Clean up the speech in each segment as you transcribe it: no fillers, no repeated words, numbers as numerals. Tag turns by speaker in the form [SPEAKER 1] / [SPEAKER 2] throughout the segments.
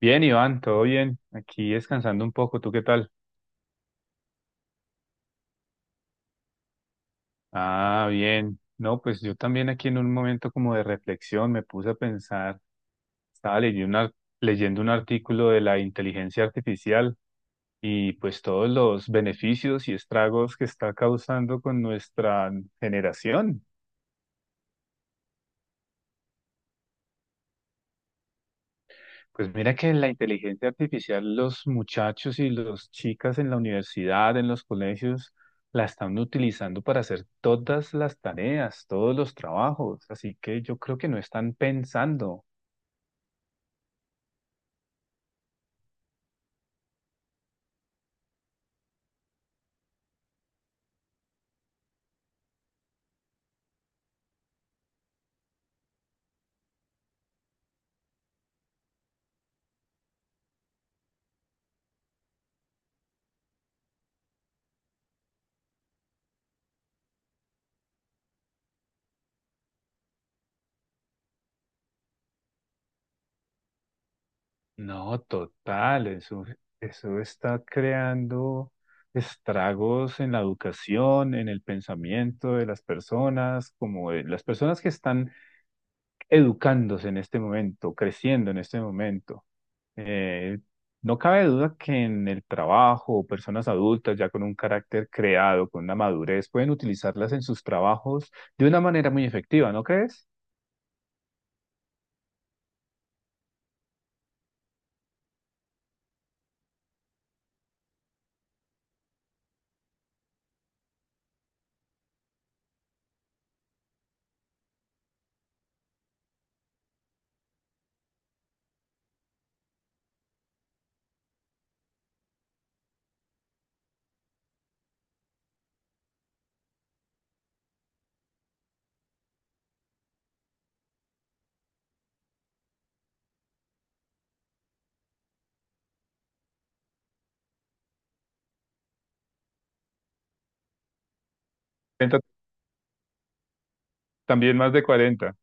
[SPEAKER 1] Bien, Iván, todo bien. Aquí descansando un poco, ¿tú qué tal? Ah, bien. No, pues yo también aquí en un momento como de reflexión me puse a pensar, estaba leyendo un artículo de la inteligencia artificial y pues todos los beneficios y estragos que está causando con nuestra generación. Pues mira que la inteligencia artificial, los muchachos y las chicas en la universidad, en los colegios, la están utilizando para hacer todas las tareas, todos los trabajos. Así que yo creo que no están pensando. No, total, eso está creando estragos en la educación, en el pensamiento de las personas, como de las personas que están educándose en este momento, creciendo en este momento. Eh, no cabe duda que en el trabajo, personas adultas ya con un carácter creado, con una madurez, pueden utilizarlas en sus trabajos de una manera muy efectiva, ¿no crees? 40, también más de 40.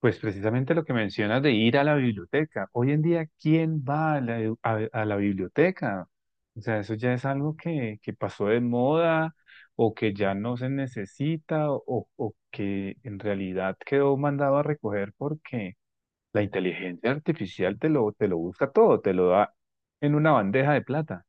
[SPEAKER 1] Pues precisamente lo que mencionas de ir a la biblioteca. Hoy en día, ¿quién va a la biblioteca? O sea, eso ya es algo que pasó de moda o que ya no se necesita o que en realidad quedó mandado a recoger porque la inteligencia artificial te lo busca todo, te lo da en una bandeja de plata.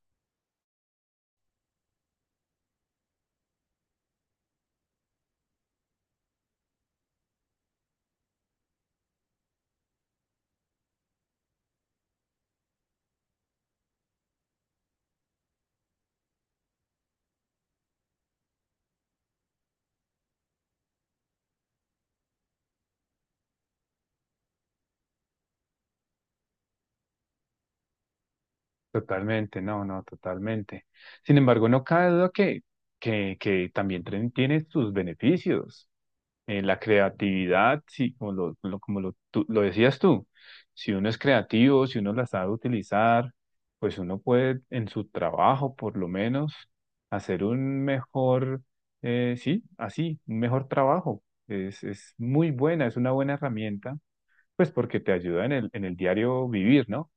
[SPEAKER 1] Totalmente, totalmente. Sin embargo, no cabe duda que también tiene sus beneficios. En la creatividad, sí, como lo- como lo, tú- lo decías tú, si uno es creativo, si uno la sabe utilizar, pues uno puede en su trabajo, por lo menos, hacer un un mejor trabajo. Es muy buena, es una buena herramienta. Pues porque te ayuda en el diario vivir, ¿no?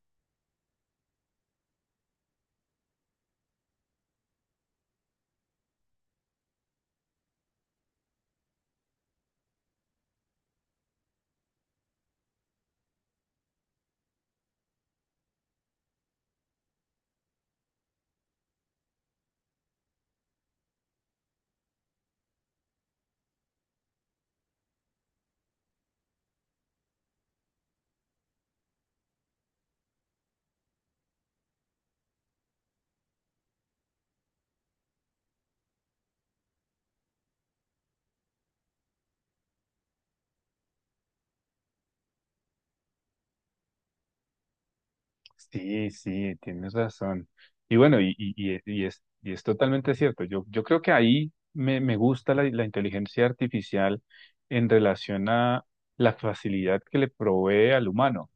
[SPEAKER 1] Sí, sí, tienes razón. Y bueno, y es totalmente cierto. Yo creo que ahí me gusta la inteligencia artificial en relación a la facilidad que le provee al humano.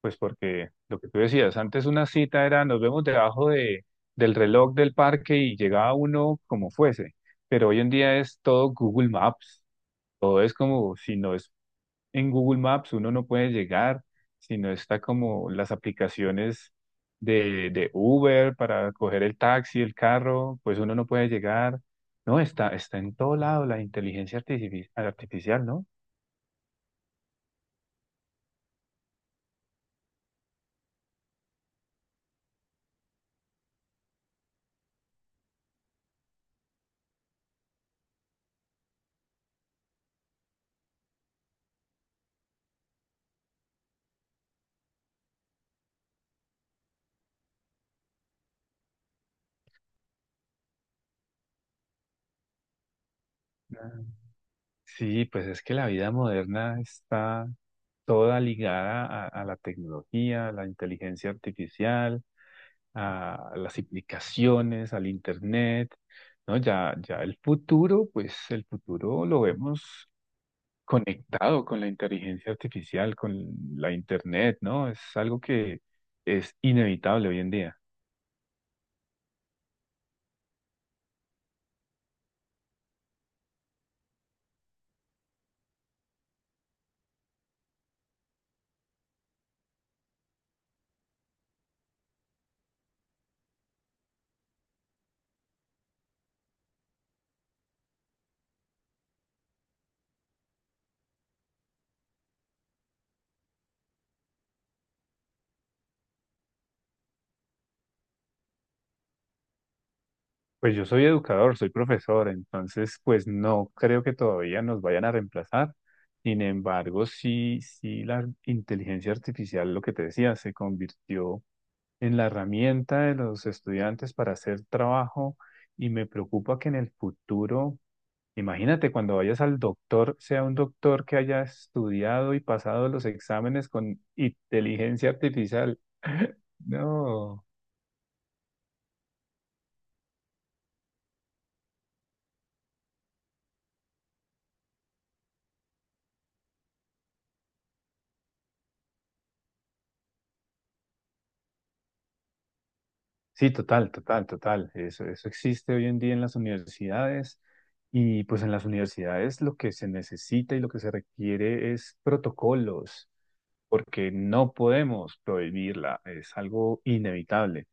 [SPEAKER 1] Pues porque lo que tú decías, antes una cita era nos vemos debajo de, del reloj del parque y llegaba uno como fuese. Pero hoy en día es todo Google Maps. Todo es como si no es en Google Maps uno no puede llegar, sino está como las aplicaciones de Uber para coger el taxi, el carro, pues uno no puede llegar. No, está en todo lado la inteligencia artificial, ¿no? Ah. Sí, pues es que la vida moderna está toda ligada a la tecnología, a la inteligencia artificial, a las aplicaciones, al internet, ¿no? Ya el futuro, pues el futuro lo vemos conectado con la inteligencia artificial, con la internet, ¿no? Es algo que es inevitable hoy en día. Pues yo soy educador, soy profesor, entonces pues no creo que todavía nos vayan a reemplazar. Sin embargo, sí la inteligencia artificial, lo que te decía, se convirtió en la herramienta de los estudiantes para hacer trabajo y me preocupa que en el futuro. Imagínate cuando vayas al doctor, sea un doctor que haya estudiado y pasado los exámenes con inteligencia artificial. No. Sí, total, total, total. Eso existe hoy en día en las universidades. Y pues en las universidades lo que se necesita y lo que se requiere es protocolos, porque no podemos prohibirla, es algo inevitable.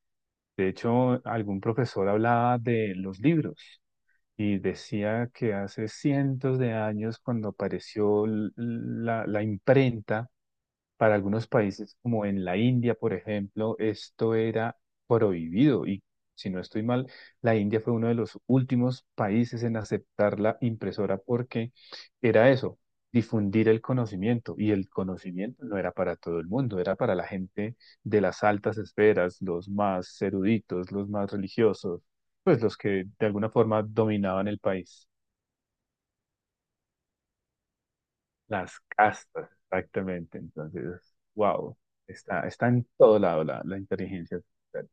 [SPEAKER 1] De hecho, algún profesor hablaba de los libros. Y decía que hace cientos de años, cuando apareció la imprenta, para algunos países, como en la India, por ejemplo, esto era prohibido y, si no estoy mal, la India fue uno de los últimos países en aceptar la impresora porque era eso, difundir el conocimiento y el conocimiento no era para todo el mundo, era para la gente de las altas esferas, los más eruditos, los más religiosos, pues los que de alguna forma dominaban el país. Las castas, exactamente. Entonces, wow, está en todo lado la inteligencia artificial.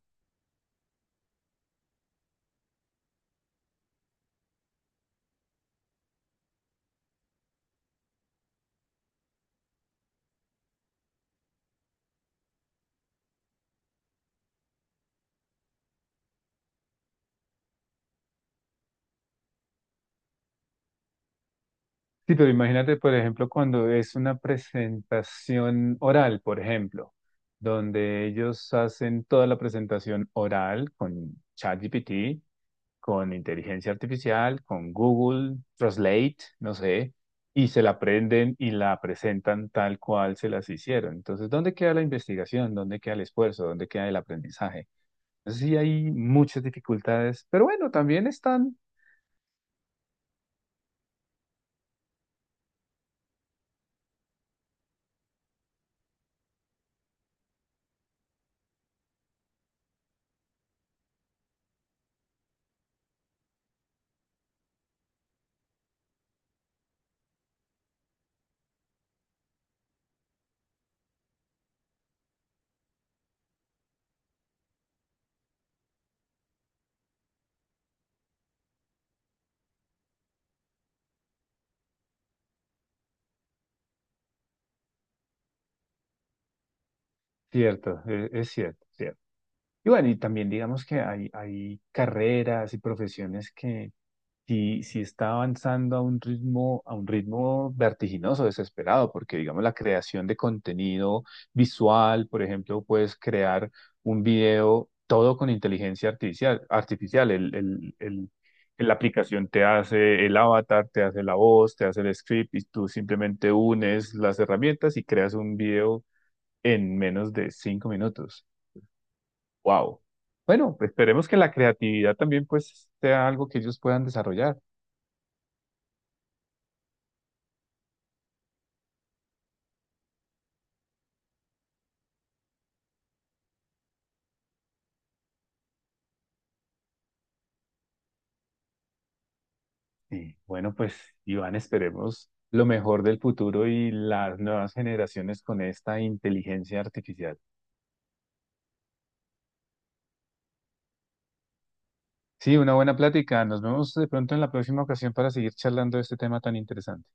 [SPEAKER 1] Sí, pero imagínate, por ejemplo, cuando es una presentación oral, por ejemplo, donde ellos hacen toda la presentación oral con ChatGPT, con inteligencia artificial, con Google Translate, no sé, y se la aprenden y la presentan tal cual se las hicieron. Entonces, ¿dónde queda la investigación? ¿Dónde queda el esfuerzo? ¿Dónde queda el aprendizaje? Sí hay muchas dificultades, pero bueno, también están. Cierto, cierto, cierto. Y bueno, y también digamos que hay carreras y profesiones que, si está avanzando a un ritmo vertiginoso, desesperado, porque digamos la creación de contenido visual, por ejemplo, puedes crear un video todo con inteligencia artificial. La aplicación te hace el avatar, te hace la voz, te hace el script y tú simplemente unes las herramientas y creas un video en menos de 5 minutos. ¡Wow! Bueno, esperemos que la creatividad también pues sea algo que ellos puedan desarrollar. Sí, bueno, pues Iván, esperemos lo mejor del futuro y las nuevas generaciones con esta inteligencia artificial. Sí, una buena plática. Nos vemos de pronto en la próxima ocasión para seguir charlando de este tema tan interesante.